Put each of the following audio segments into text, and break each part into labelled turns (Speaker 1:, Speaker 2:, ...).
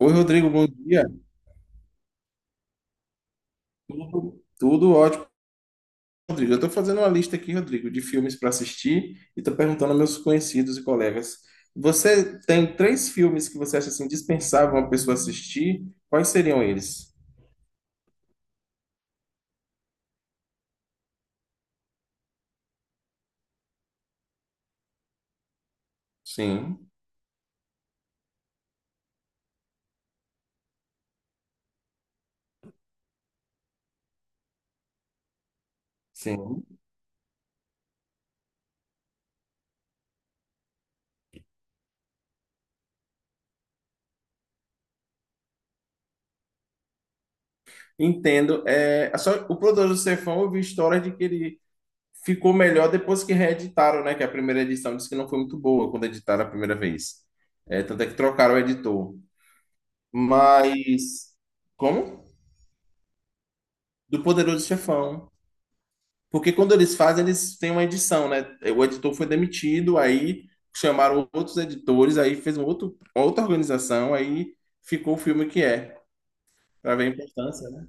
Speaker 1: Oi, Rodrigo, bom dia. Tudo ótimo, Rodrigo. Eu estou fazendo uma lista aqui, Rodrigo, de filmes para assistir e estou perguntando aos meus conhecidos e colegas. Você tem três filmes que você acha assim dispensável uma pessoa assistir? Quais seriam eles? Sim, sim. Entendo. É, só, o Poderoso do Chefão, eu vi história de que ele ficou melhor depois que reeditaram, né? Que a primeira edição disse que não foi muito boa quando editaram a primeira vez. É, tanto é que trocaram o editor. Mas. Como? Do Poderoso Chefão. Porque quando eles fazem, eles têm uma edição, né? O editor foi demitido, aí chamaram outros editores, aí fez um outro, outra organização, aí ficou o filme que é, para ver a importância, né?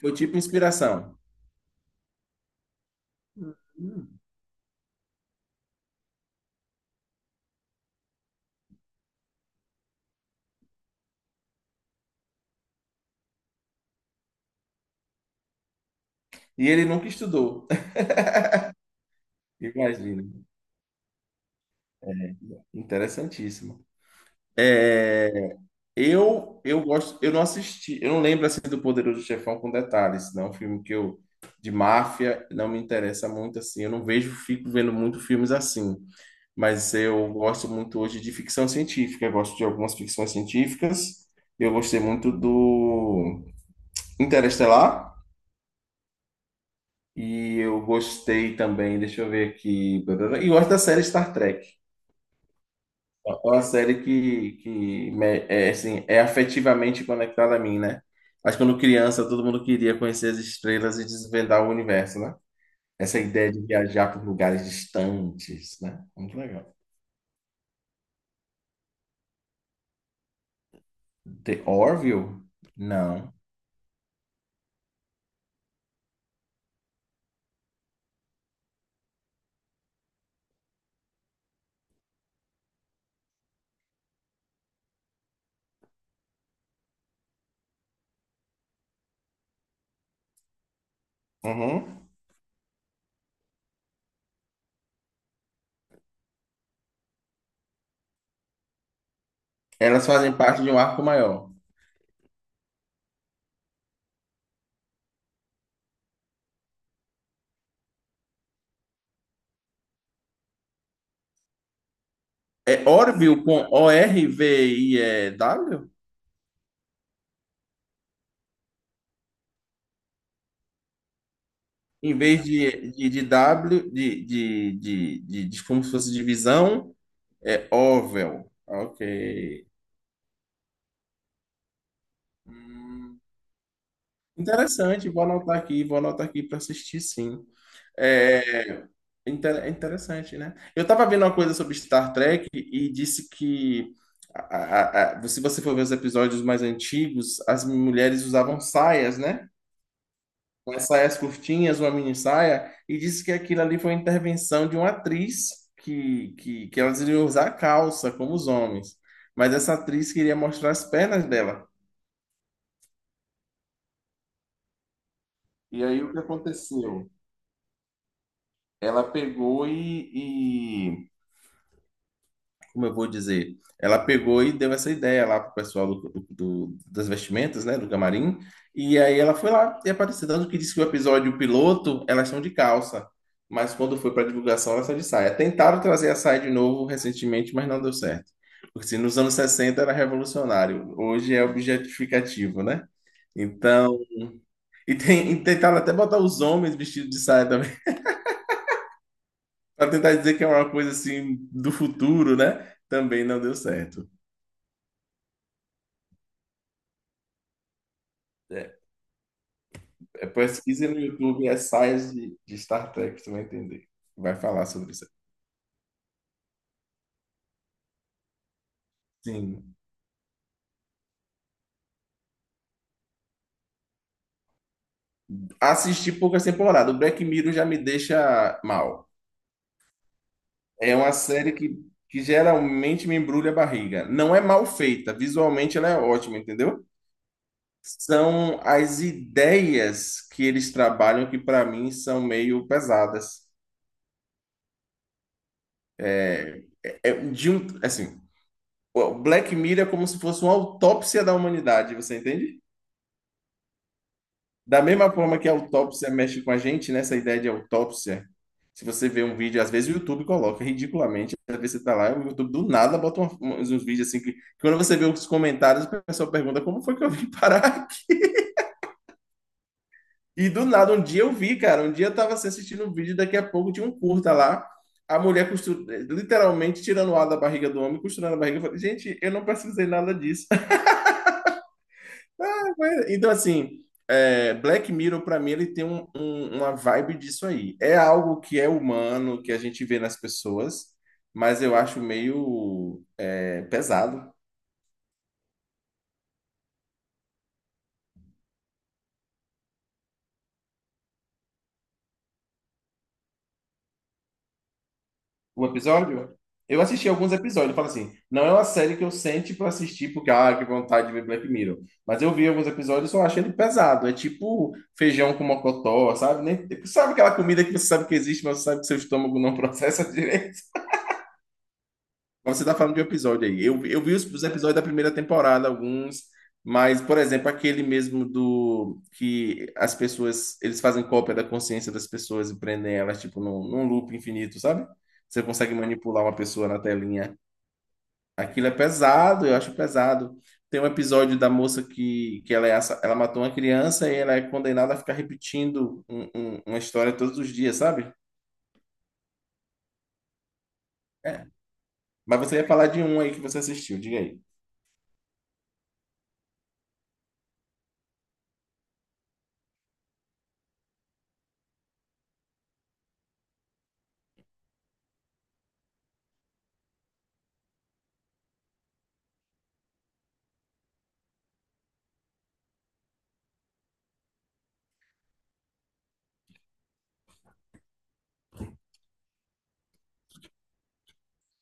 Speaker 1: Foi tipo inspiração. E ele nunca estudou. Imagina. Interessantíssimo. É, eu gosto, eu não assisti, eu não lembro assim do Poderoso Chefão com detalhes, não, é um filme que eu de máfia não me interessa muito assim, eu não vejo, fico vendo muito filmes assim. Mas eu gosto muito hoje de ficção científica, eu gosto de algumas ficções científicas. Eu gostei muito do Interestelar e eu gostei também, deixa eu ver aqui, e eu gosto da série Star Trek. É uma série que é, assim, é afetivamente conectada a mim, né? Acho que quando criança todo mundo queria conhecer as estrelas e desvendar o universo, né? Essa ideia de viajar por lugares distantes, né? Muito legal. The Orville? Não. Uhum. Elas fazem parte de um arco maior. É Orville com Orview? Em vez de W, de como se fosse divisão, é Orville. Ok. Hum. Interessante, vou anotar aqui para assistir, sim. É, é interessante, né? Eu tava vendo uma coisa sobre Star Trek e disse que se você for ver os episódios mais antigos, as mulheres usavam saias, né? Umas saias curtinhas, uma mini saia, e disse que aquilo ali foi uma intervenção de uma atriz que elas iriam usar calça, como os homens. Mas essa atriz queria mostrar as pernas dela. E aí o que aconteceu? Ela pegou, como eu vou dizer? Ela pegou e deu essa ideia lá pro pessoal do, do- das vestimentas, né, do camarim. E aí ela foi lá e apareceu, tanto que disse que o episódio piloto, elas são de calça, mas quando foi para divulgação, elas são de saia. Tentaram trazer a saia de novo recentemente, mas não deu certo. Porque se nos anos 60 era revolucionário, hoje é objetificativo, né? Então, e tentaram até botar os homens vestidos de saia para tentar dizer que é uma coisa assim do futuro, né? Também não deu certo. É, é, pesquisa no YouTube, ensaios de Star Trek, você vai entender. Vai falar sobre isso. Sim. Assisti poucas temporadas. O Black Mirror já me deixa mal. É uma série que geralmente me embrulha a barriga. Não é mal feita, visualmente ela é ótima, entendeu? São as ideias que eles trabalham que para mim são meio pesadas. É, é, de um, assim, o Black Mirror é como se fosse uma autópsia da humanidade, você entende? Da mesma forma que a autópsia mexe com a gente, nessa ideia de autópsia, se você vê um vídeo, às vezes o YouTube coloca ridiculamente, às vezes você tá lá, o YouTube do nada bota uns vídeos assim que quando você vê os comentários, o pessoal pergunta como foi que eu vim parar? E do nada, um dia eu vi, cara, um dia eu tava assim, assistindo um vídeo, daqui a pouco tinha um curta lá, a mulher costu- literalmente tirando o ar da barriga do homem, costurando a barriga. Eu falei, gente, eu não precisei nada disso. Mas, então, assim, Black Mirror, para mim, ele tem um- uma vibe disso aí. É algo que é humano, que a gente vê nas pessoas, mas eu acho meio pesado. O episódio, eu assisti alguns episódios, eu falo assim, não é uma série que eu sente para assistir porque, ah, que vontade de ver Black Mirror. Mas eu vi alguns episódios e só achei ele pesado. É tipo feijão com mocotó, sabe? Nem, sabe aquela comida que você sabe que existe, mas você sabe que seu estômago não processa. Mas você tá falando de um episódio aí. Eu vi os episódios da primeira temporada, alguns, mas, por exemplo, aquele mesmo do que as pessoas, eles fazem cópia da consciência das pessoas e prendem elas, tipo, num loop infinito, sabe? Você consegue manipular uma pessoa na telinha. Aquilo é pesado, eu acho pesado. Tem um episódio da moça que ela matou uma criança e ela é condenada a ficar repetindo um- uma história todos os dias, sabe? Mas você ia falar de um aí que você assistiu, diga aí.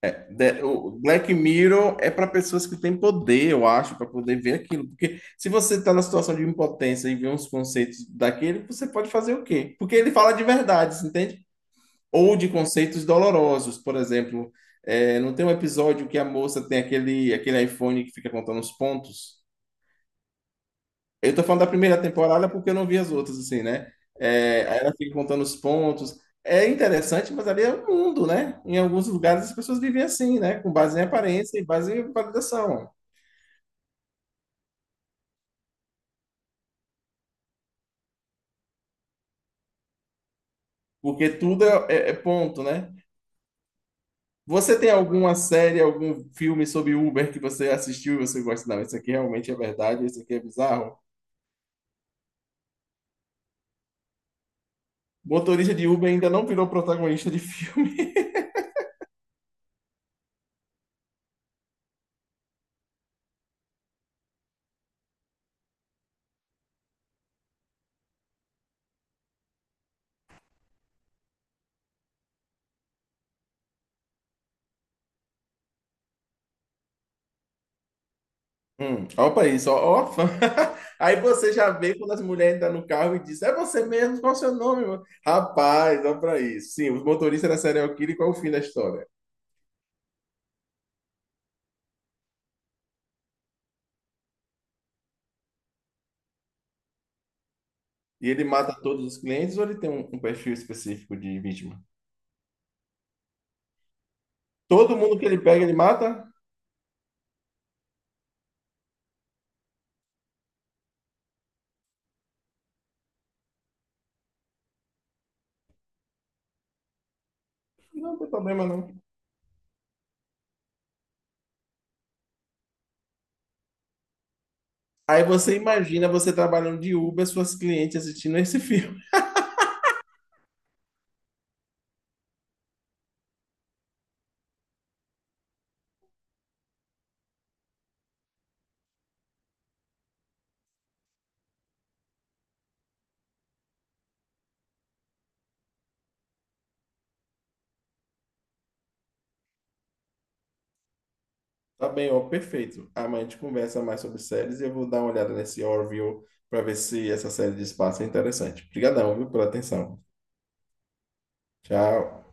Speaker 1: É, O Black Mirror é para pessoas que têm poder, eu acho, para poder ver aquilo. Porque se você está na situação de impotência e vê uns conceitos daquele, você pode fazer o quê? Porque ele fala de verdades, entende? Ou de conceitos dolorosos, por exemplo. É, não tem um episódio que a moça tem aquele, aquele iPhone que fica contando os pontos? Eu tô falando da primeira temporada porque eu não vi as outras, assim, né? É, aí ela fica contando os pontos. É interessante, mas ali é o mundo, né? Em alguns lugares as pessoas vivem assim, né? Com base em aparência e base em validação. Porque tudo é, é ponto, né? Você tem alguma série, algum filme sobre Uber que você assistiu e você gosta? Não, isso aqui realmente é verdade, isso aqui é bizarro. Motorista de Uber ainda não virou protagonista de filme. Opa isso, ó, ó. Aí você já vê quando as mulheres entram no carro e diz, é você mesmo, qual é o seu nome, mano? Rapaz, olha pra isso. Sim, o motorista era serial killer, qual é o fim da história? E ele mata todos os clientes ou ele tem um perfil específico de vítima? Todo mundo que ele pega, ele mata? Não tem problema, não. Aí você imagina você trabalhando de Uber, suas clientes assistindo esse filme. Tá bem, ó, perfeito. Amanhã a gente conversa mais sobre séries e eu vou dar uma olhada nesse Orville para ver se essa série de espaço é interessante. Obrigadão, viu, pela atenção. Tchau.